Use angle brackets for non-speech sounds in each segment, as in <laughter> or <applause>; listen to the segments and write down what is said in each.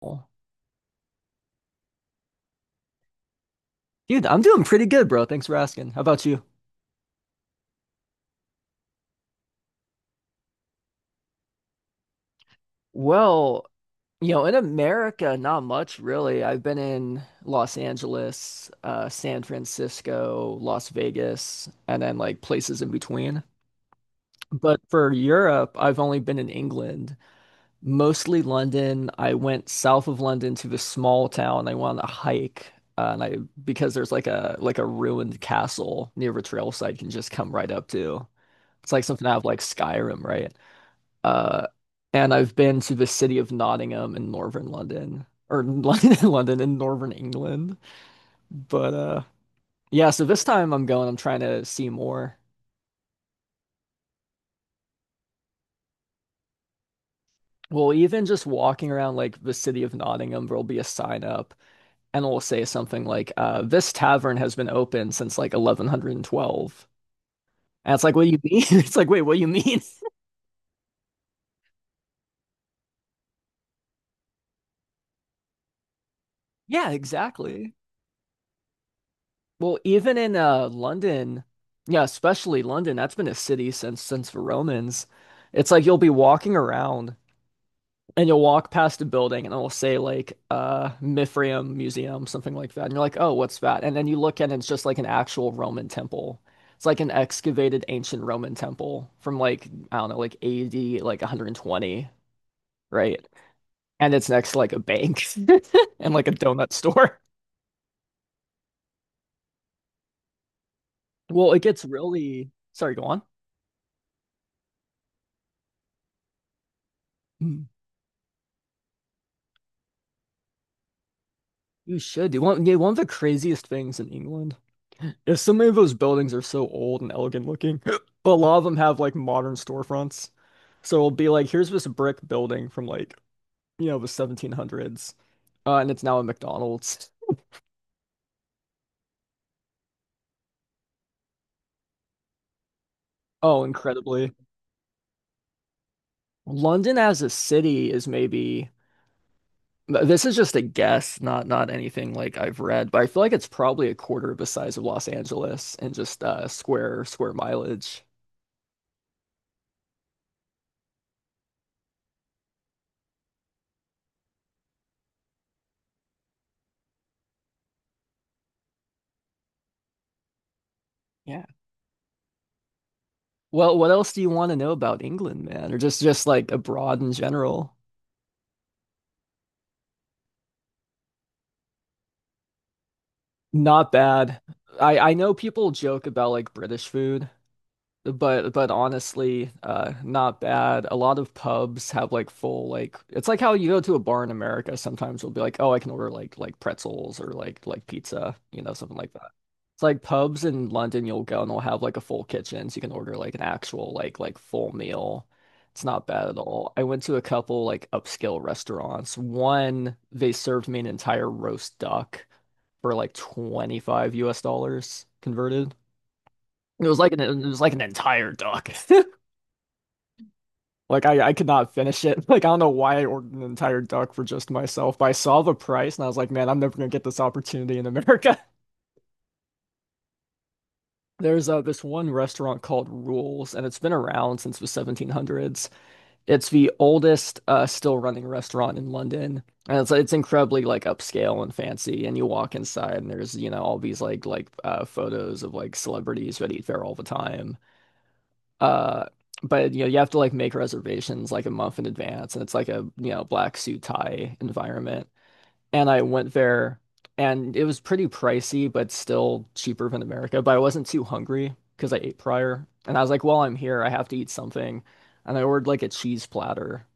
Well, dude, I'm doing pretty good, bro. Thanks for asking. How about you? Well, you know, in America, not much really. I've been in Los Angeles, San Francisco, Las Vegas, and then like places in between. But for Europe, I've only been in England, mostly London. I went south of London to this small town. I went on a hike, and I because there's like a ruined castle near a trail site you can just come right up to. It's like something out of like Skyrim, right? Uh, and I've been to the city of Nottingham in northern London, or <laughs> London, London in northern England. But Yeah, so this time I'm going, I'm trying to see more. Well, even just walking around like the city of Nottingham, there'll be a sign up and it'll say something like, this tavern has been open since like 1112. And it's like, what do you mean? <laughs> It's like, wait, what do you mean? <laughs> Yeah, exactly. Well, even in London, yeah, especially London, that's been a city since the Romans. It's like you'll be walking around and you'll walk past a building and it'll say like Mithraeum Museum, something like that. And you're like, "Oh, what's that?" And then you look and it's just like an actual Roman temple. It's like an excavated ancient Roman temple from like I don't know, like AD like 120, right? And it's next to like a bank <laughs> and like a donut store. Well, it gets really, sorry, go on. You should. You want? Yeah, one of the craziest things in England is so many of those buildings are so old and elegant looking, <gasps> but a lot of them have like modern storefronts. So it'll be like, here's this brick building from like, you know, the 1700s, and it's now a McDonald's. Oh, incredibly. London as a city is maybe, this is just a guess, not anything like I've read, but I feel like it's probably a quarter of the size of Los Angeles and just square mileage. Yeah. Well, what else do you want to know about England, man? Or just like abroad in general? Not bad. I know people joke about like British food, but honestly, not bad. A lot of pubs have like full like it's like how you go to a bar in America, sometimes you'll be like, "Oh, I can order like pretzels or like pizza, you know, something like it's like pubs in London, you'll go and they'll have like a full kitchen, so you can order like an actual like full meal." It's not bad at all. I went to a couple like upscale restaurants. One, they served me an entire roast duck for like 25 US dollars converted. It was like an entire duck. <laughs> Like I could not finish it. <laughs> Like I don't know why I ordered an entire duck for just myself, but I saw the price and I was like, man, I'm never gonna get this opportunity in America. There's this one restaurant called Rules, and it's been around since the 1700s. It's the oldest still running restaurant in London, and it's incredibly like upscale and fancy. And you walk inside, and there's you know all these like photos of like celebrities that eat there all the time. Uh, but you know you have to like make reservations like a month in advance, and it's like a you know black suit tie environment and I went there and it was pretty pricey, but still cheaper than America. But I wasn't too hungry because I ate prior. And I was like, well, I'm here, I have to eat something. And I ordered like a cheese platter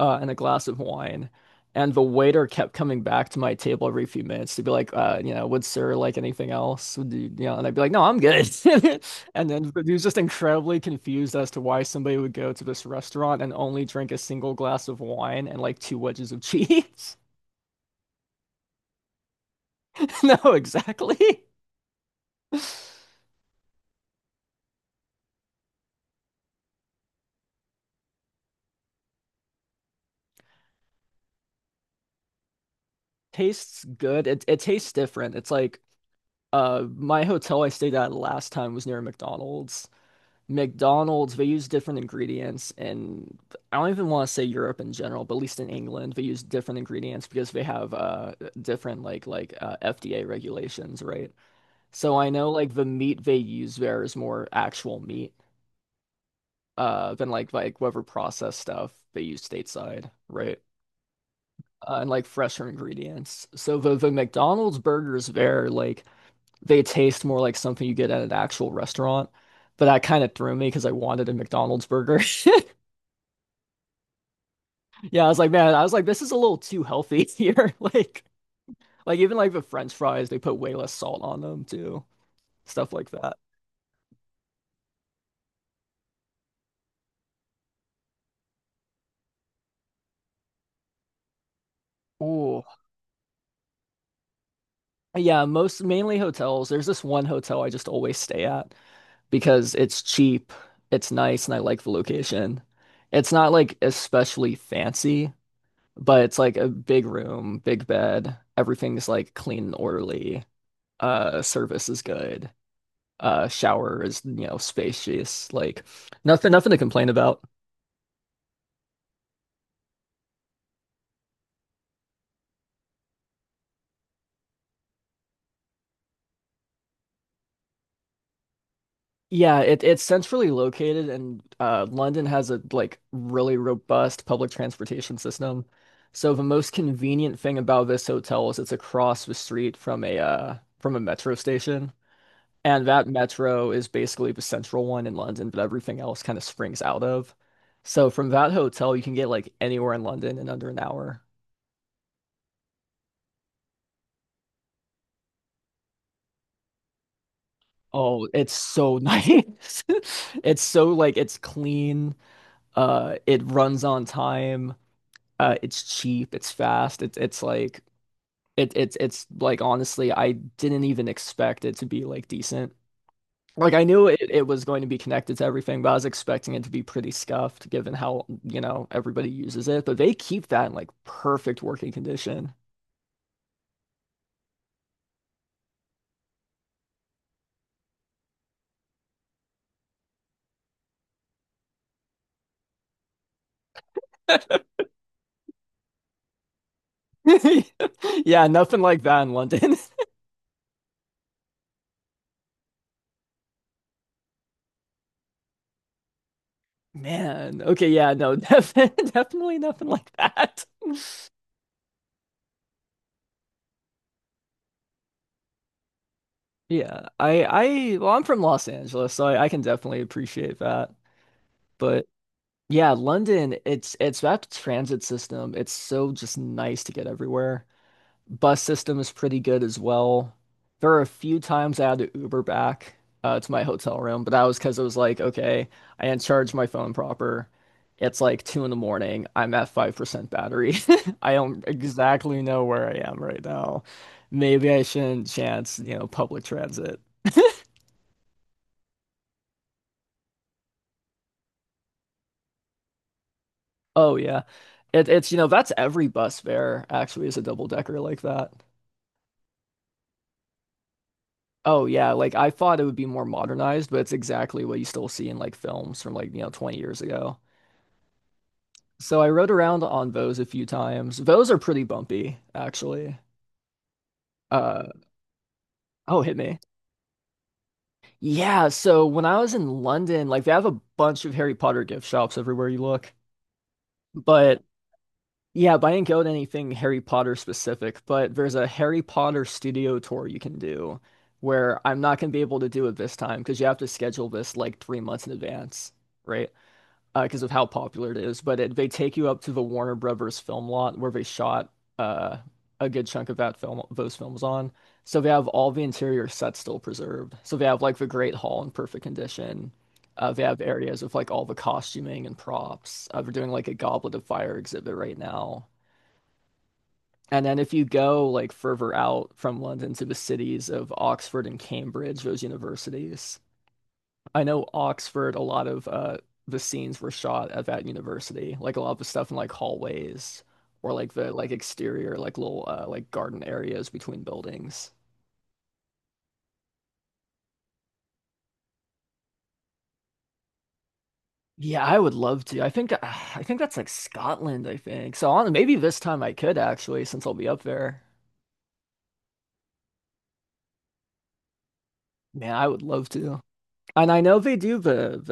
and a glass of wine. And the waiter kept coming back to my table every few minutes to be like, you know, would sir like anything else? Would you, you know, and I'd be like, no, I'm good. <laughs> And then but he was just incredibly confused as to why somebody would go to this restaurant and only drink a single glass of wine and like two wedges of <laughs> cheese. <laughs> No, exactly. <laughs> Tastes good. It tastes different. It's like my hotel I stayed at last time was near McDonald's. McDonald's, they use different ingredients and I don't even want to say Europe in general, but at least in England, they use different ingredients because they have different like FDA regulations, right? So I know like the meat they use there is more actual meat than like whatever processed stuff they use stateside, right? And like fresher ingredients. So the McDonald's burgers there, like they taste more like something you get at an actual restaurant. But that kind of threw me because I wanted a McDonald's burger. <laughs> Yeah, I was like, man, I was like, this is a little too healthy <laughs> here. Like even like the French fries, they put way less salt on them too. Stuff like that. Ooh. Yeah, most mainly hotels. There's this one hotel I just always stay at because it's cheap, it's nice, and I like the location. It's not like especially fancy. But it's like a big room, big bed. Everything's like clean and orderly. Service is good. Shower is, you know, spacious. Like nothing to complain about. Yeah, it's centrally located, and London has a like really robust public transportation system. So the most convenient thing about this hotel is it's across the street from a metro station. And that metro is basically the central one in London, but everything else kind of springs out of. So from that hotel, you can get like anywhere in London in under an hour. Oh, it's so <laughs> nice. It's so like it's clean. It runs on time. It's cheap. It's fast. It's like honestly, I didn't even expect it to be like decent. Like I knew it was going to be connected to everything, but I was expecting it to be pretty scuffed given how, you know, everybody uses it. But they keep that in like perfect working condition. <laughs> Yeah, nothing like that in London. <laughs> Man, okay, yeah, no, <laughs> definitely nothing like that. <laughs> Yeah, well, I'm from Los Angeles, so I can definitely appreciate that. But yeah, London, it's that transit system. It's so just nice to get everywhere. Bus system is pretty good as well. There are a few times I had to Uber back to my hotel room, but that was because it was like, okay, I didn't charge my phone proper. It's like two in the morning. I'm at 5% battery. <laughs> I don't exactly know where I am right now. Maybe I shouldn't chance, you know, public transit. Oh yeah. You know, that's every bus fare actually is a double decker like that. Oh yeah, like I thought it would be more modernized, but it's exactly what you still see in like films from like, you know, 20 years ago. So I rode around on Vos a few times. Vos are pretty bumpy, actually. Uh, oh, hit me. Yeah, so when I was in London, like they have a bunch of Harry Potter gift shops everywhere you look. But yeah, but I didn't go to anything Harry Potter specific, but there's a Harry Potter studio tour you can do where I'm not gonna be able to do it this time because you have to schedule this like 3 months in advance, right? Because of how popular it is. But it, they take you up to the Warner Brothers film lot where they shot uh, a good chunk of that film, those films on. So they have all the interior sets still preserved. So they have like the Great Hall in perfect condition. They have areas with like all the costuming and props. They're doing like a Goblet of Fire exhibit right now. And then if you go like further out from London to the cities of Oxford and Cambridge, those universities, I know Oxford, a lot of the scenes were shot at that university. Like a lot of the stuff in like hallways or like the like exterior like little like garden areas between buildings. Yeah, I would love to. I think that's like Scotland, I think. So on maybe this time I could actually since I'll be up there. Man, I would love to. And I know they do the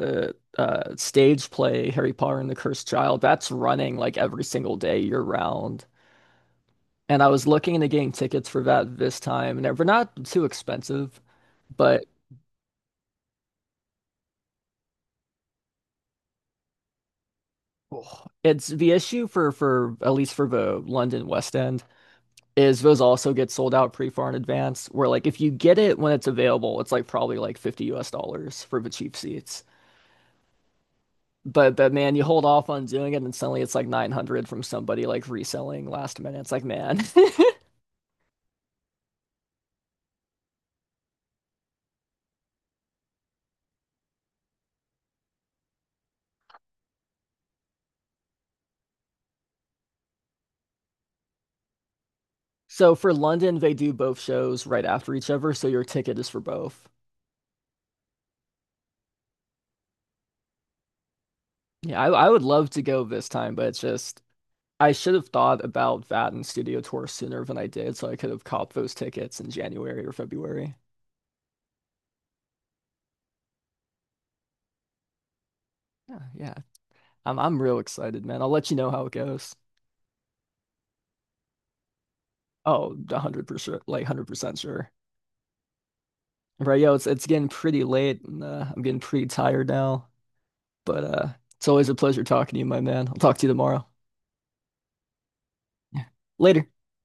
the uh stage play Harry Potter and the Cursed Child. That's running like every single day year round. And I was looking into getting tickets for that this time, and they're not too expensive, but oh, it's the issue for at least for the London West End is those also get sold out pretty far in advance. Where like if you get it when it's available, it's like probably like 50 US dollars for the cheap seats. But man, you hold off on doing it, and suddenly it's like 900 from somebody like reselling last minute. It's like man. <laughs> So for London, they do both shows right after each other, so your ticket is for both. Yeah, I would love to go this time, but it's just I should have thought about that and studio tour sooner than I did, so I could have copped those tickets in January or February. Yeah, yeah. I'm real excited, man. I'll let you know how it goes. Oh, 100%, like 100% sure. Right, yo, it's getting pretty late and I'm getting pretty tired now, but it's always a pleasure talking to you, my man. I'll talk to you tomorrow. Later.